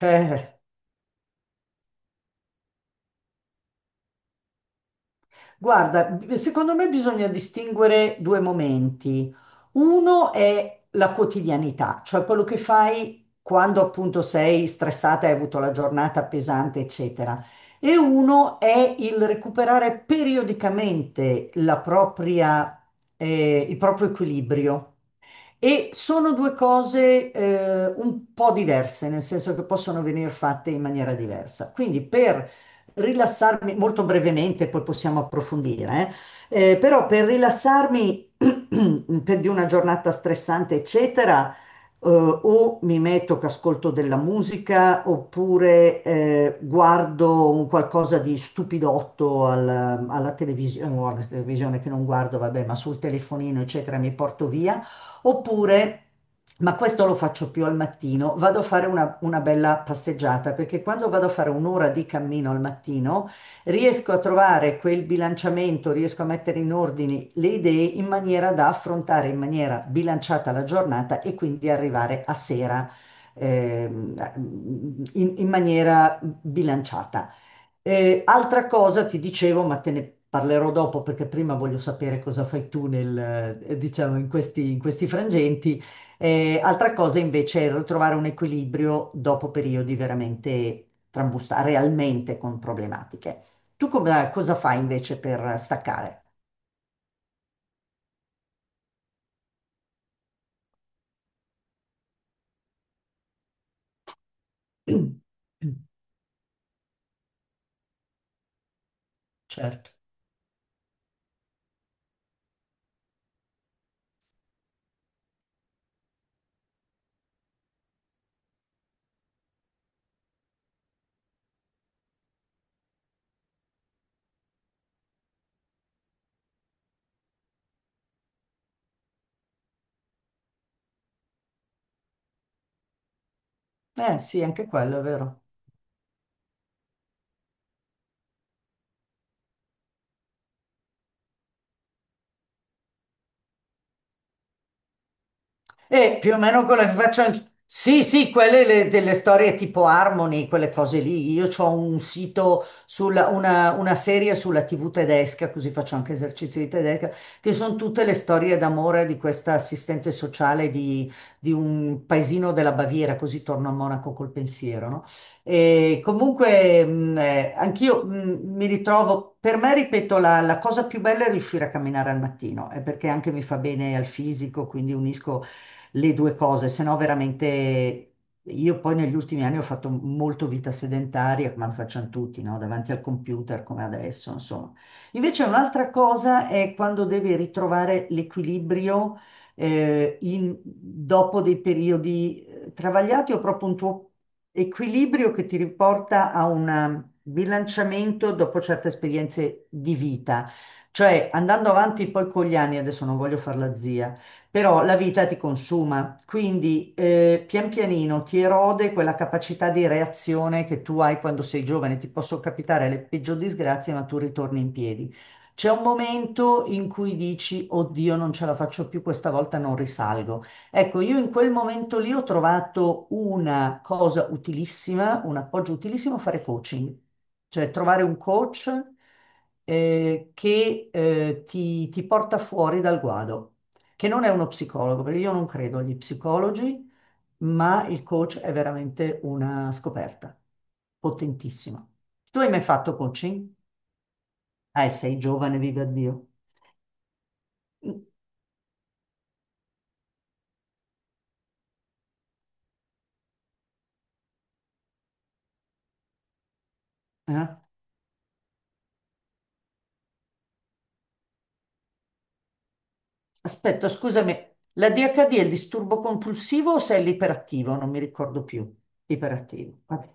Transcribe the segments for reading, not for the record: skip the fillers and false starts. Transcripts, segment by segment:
Eh, guarda, secondo me bisogna distinguere due momenti. Uno è la quotidianità, cioè quello che fai quando appunto sei stressata, hai avuto la giornata pesante, eccetera. E uno è il recuperare periodicamente la propria, il proprio equilibrio. E sono due cose un po' diverse, nel senso che possono venire fatte in maniera diversa. Quindi per rilassarmi, molto brevemente, poi possiamo approfondire, però per rilassarmi per di una giornata stressante, eccetera, o mi metto che ascolto della musica oppure guardo un qualcosa di stupidotto alla televisione che non guardo, vabbè, ma sul telefonino, eccetera, mi porto via. Oppure, ma questo lo faccio più al mattino, vado a fare una bella passeggiata, perché quando vado a fare un'ora di cammino al mattino, riesco a trovare quel bilanciamento, riesco a mettere in ordine le idee in maniera da affrontare in maniera bilanciata la giornata e quindi arrivare a sera ehm, in maniera bilanciata. E altra cosa ti dicevo, ma te ne parlerò dopo perché prima voglio sapere cosa fai tu nel, diciamo, in questi frangenti. Altra cosa invece è ritrovare un equilibrio dopo periodi veramente trambusta, realmente con problematiche. Tu cosa fai invece per staccare? Certo. Eh sì, anche quello è vero. E più o meno quello che faccio anche. Sì, sì, quelle delle storie tipo Harmony, quelle cose lì. Io ho un sito, una serie sulla TV tedesca, così faccio anche esercizio di tedesca, che sono tutte le storie d'amore di questa assistente sociale di un paesino della Baviera, così torno a Monaco col pensiero, no? E comunque anch'io mi ritrovo, per me, ripeto, la cosa più bella è riuscire a camminare al mattino, è perché anche mi fa bene al fisico, quindi unisco le due cose, se no veramente io poi negli ultimi anni ho fatto molto vita sedentaria, come lo facciano tutti, no? Davanti al computer come adesso, insomma. Invece un'altra cosa è quando devi ritrovare l'equilibrio dopo dei periodi travagliati o proprio un tuo equilibrio che ti riporta a un bilanciamento dopo certe esperienze di vita. Cioè, andando avanti poi con gli anni, adesso non voglio fare la zia, però la vita ti consuma, quindi pian pianino ti erode quella capacità di reazione che tu hai quando sei giovane, ti possono capitare le peggiori disgrazie, ma tu ritorni in piedi. C'è un momento in cui dici, oddio, non ce la faccio più, questa volta non risalgo. Ecco, io in quel momento lì ho trovato una cosa utilissima, un appoggio utilissimo, fare coaching, cioè trovare un coach che ti porta fuori dal guado che non è uno psicologo, perché io non credo agli psicologi, ma il coach è veramente una scoperta potentissima. Tu hai mai fatto coaching? Ah, sei giovane, viva Dio. Mm, eh? Aspetta, scusami, la DHD è il disturbo compulsivo o se è l'iperattivo? Non mi ricordo più. Iperattivo, vabbè.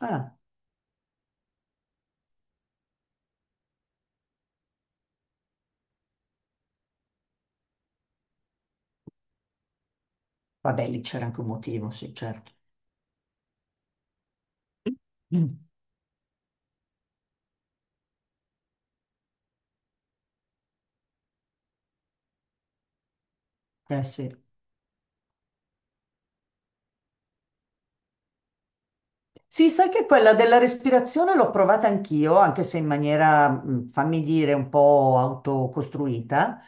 Ah, vabbè, lì c'era anche un motivo, sì, certo. Mm. Eh sì. Sì, sai che quella della respirazione l'ho provata anch'io, anche se in maniera, fammi dire, un po' autocostruita,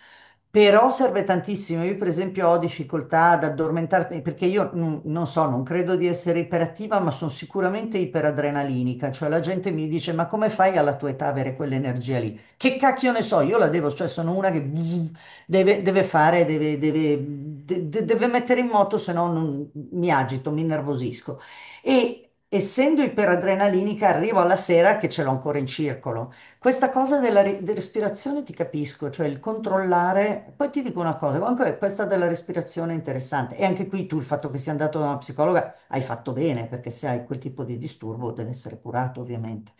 però serve tantissimo. Io, per esempio, ho difficoltà ad addormentarmi perché io non so, non credo di essere iperattiva, ma sono sicuramente iperadrenalinica. Cioè, la gente mi dice: Ma come fai alla tua età a avere quell'energia lì? Che cacchio ne so, io la devo, cioè, sono una che deve, deve fare, deve mettere in moto, se no mi agito, mi innervosisco. E essendo iperadrenalinica, arrivo alla sera che ce l'ho ancora in circolo. Questa cosa della respirazione ti capisco, cioè il controllare. Poi ti dico una cosa, anche questa della respirazione è interessante. E anche qui tu il fatto che sia andato da una psicologa hai fatto bene, perché se hai quel tipo di disturbo deve essere curato, ovviamente.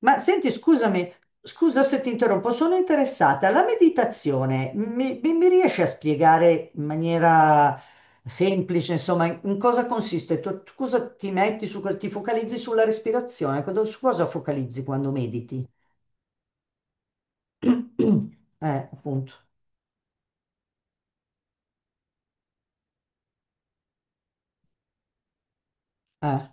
Ma senti, scusami, scusa se ti interrompo, sono interessata. La meditazione mi riesci a spiegare in maniera semplice, insomma, in cosa consiste? Tu cosa ti focalizzi sulla respirazione? Su cosa focalizzi quando mediti? Appunto. Eh,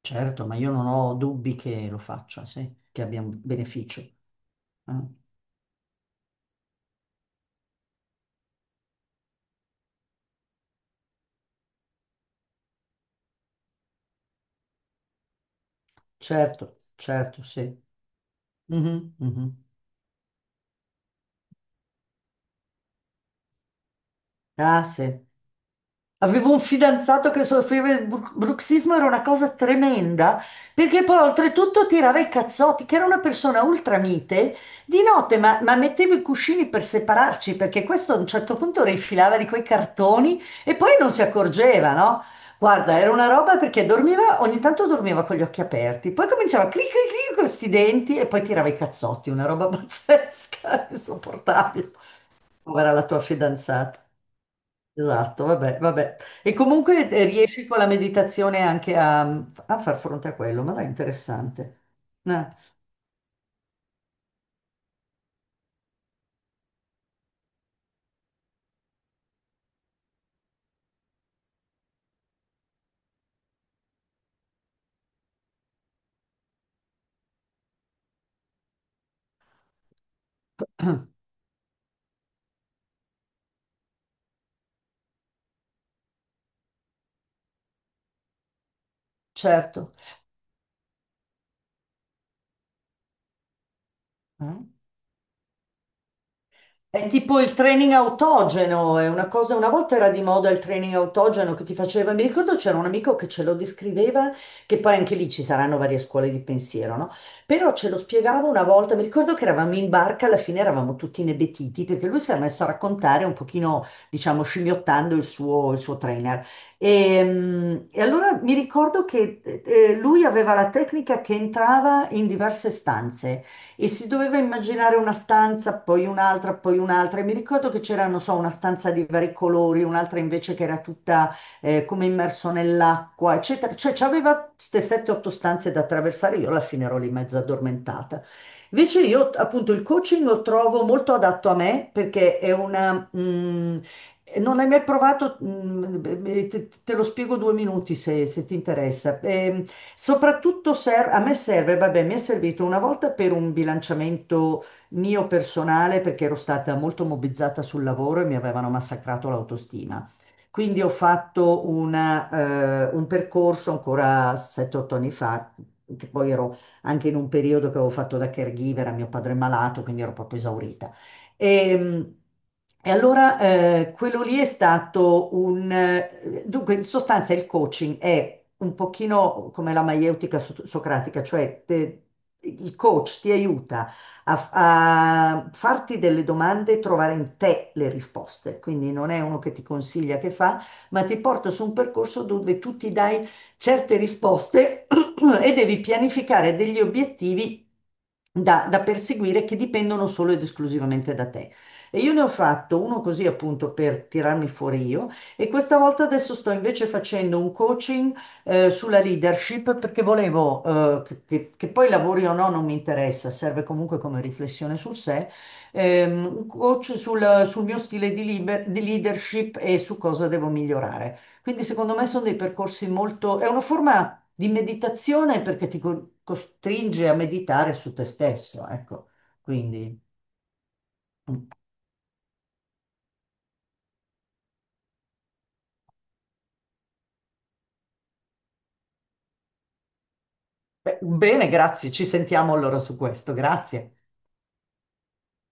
certo, ma io non ho dubbi che lo faccia, sì, che abbia un beneficio. Certo, certo, sì. Mhm, mhm. Ah, sì. Avevo un fidanzato che soffriva di bruxismo, era una cosa tremenda, perché poi oltretutto tirava i cazzotti, che era una persona ultramite, di notte, ma mettevo i cuscini per separarci, perché questo a un certo punto rifilava di quei cartoni e poi non si accorgeva, no? Guarda, era una roba perché dormiva, ogni tanto dormiva con gli occhi aperti, poi cominciava a clic clic clic con questi denti e poi tirava i cazzotti, una roba pazzesca, insopportabile. Povera la tua fidanzata. Esatto, vabbè, vabbè. E comunque riesci con la meditazione anche a, a far fronte a quello, ma dai, interessante. Eh, certo. Eh? È tipo il training autogeno, è una cosa, una volta era di moda il training autogeno che ti faceva, mi ricordo c'era un amico che ce lo descriveva, che poi anche lì ci saranno varie scuole di pensiero, no? Però ce lo spiegava una volta, mi ricordo che eravamo in barca, alla fine eravamo tutti inebetiti perché lui si era messo a raccontare un pochino, diciamo, scimmiottando il suo trainer. E allora mi ricordo che lui aveva la tecnica che entrava in diverse stanze e si doveva immaginare una stanza, poi un'altra, poi un'altra. E mi ricordo che c'era, non so, una stanza di vari colori, un'altra invece che era tutta come immerso nell'acqua, eccetera. Cioè, c'aveva queste 7-8 stanze da attraversare, io alla fine ero lì mezza addormentata. Invece io appunto il coaching lo trovo molto adatto a me perché non l'hai mai provato? Mm, beh, beh, te lo spiego 2 minuti se ti interessa. Soprattutto a me serve, vabbè, mi è servito una volta per un bilanciamento mio personale perché ero stata molto mobbizzata sul lavoro e mi avevano massacrato l'autostima. Quindi ho fatto un percorso ancora 7-8 anni fa, che poi ero anche in un periodo che avevo fatto da caregiver a mio padre malato, quindi ero proprio esaurita. Ehm, E, allora quello lì è stato un... Dunque, in sostanza il coaching è un pochino come la maieutica socratica, cioè il coach ti aiuta a farti delle domande e trovare in te le risposte. Quindi non è uno che ti consiglia che fa, ma ti porta su un percorso dove tu ti dai certe risposte e devi pianificare degli obiettivi da perseguire che dipendono solo ed esclusivamente da te. E io ne ho fatto uno così appunto per tirarmi fuori io e questa volta adesso sto invece facendo un coaching sulla leadership perché volevo che poi lavori o no non mi interessa, serve comunque come riflessione sul sé, un coach sul mio stile di leadership e su cosa devo migliorare. Quindi secondo me sono dei percorsi molto. È una forma di meditazione perché ti costringe a meditare su te stesso, ecco. Quindi, beh, bene, grazie, ci sentiamo allora su questo, grazie.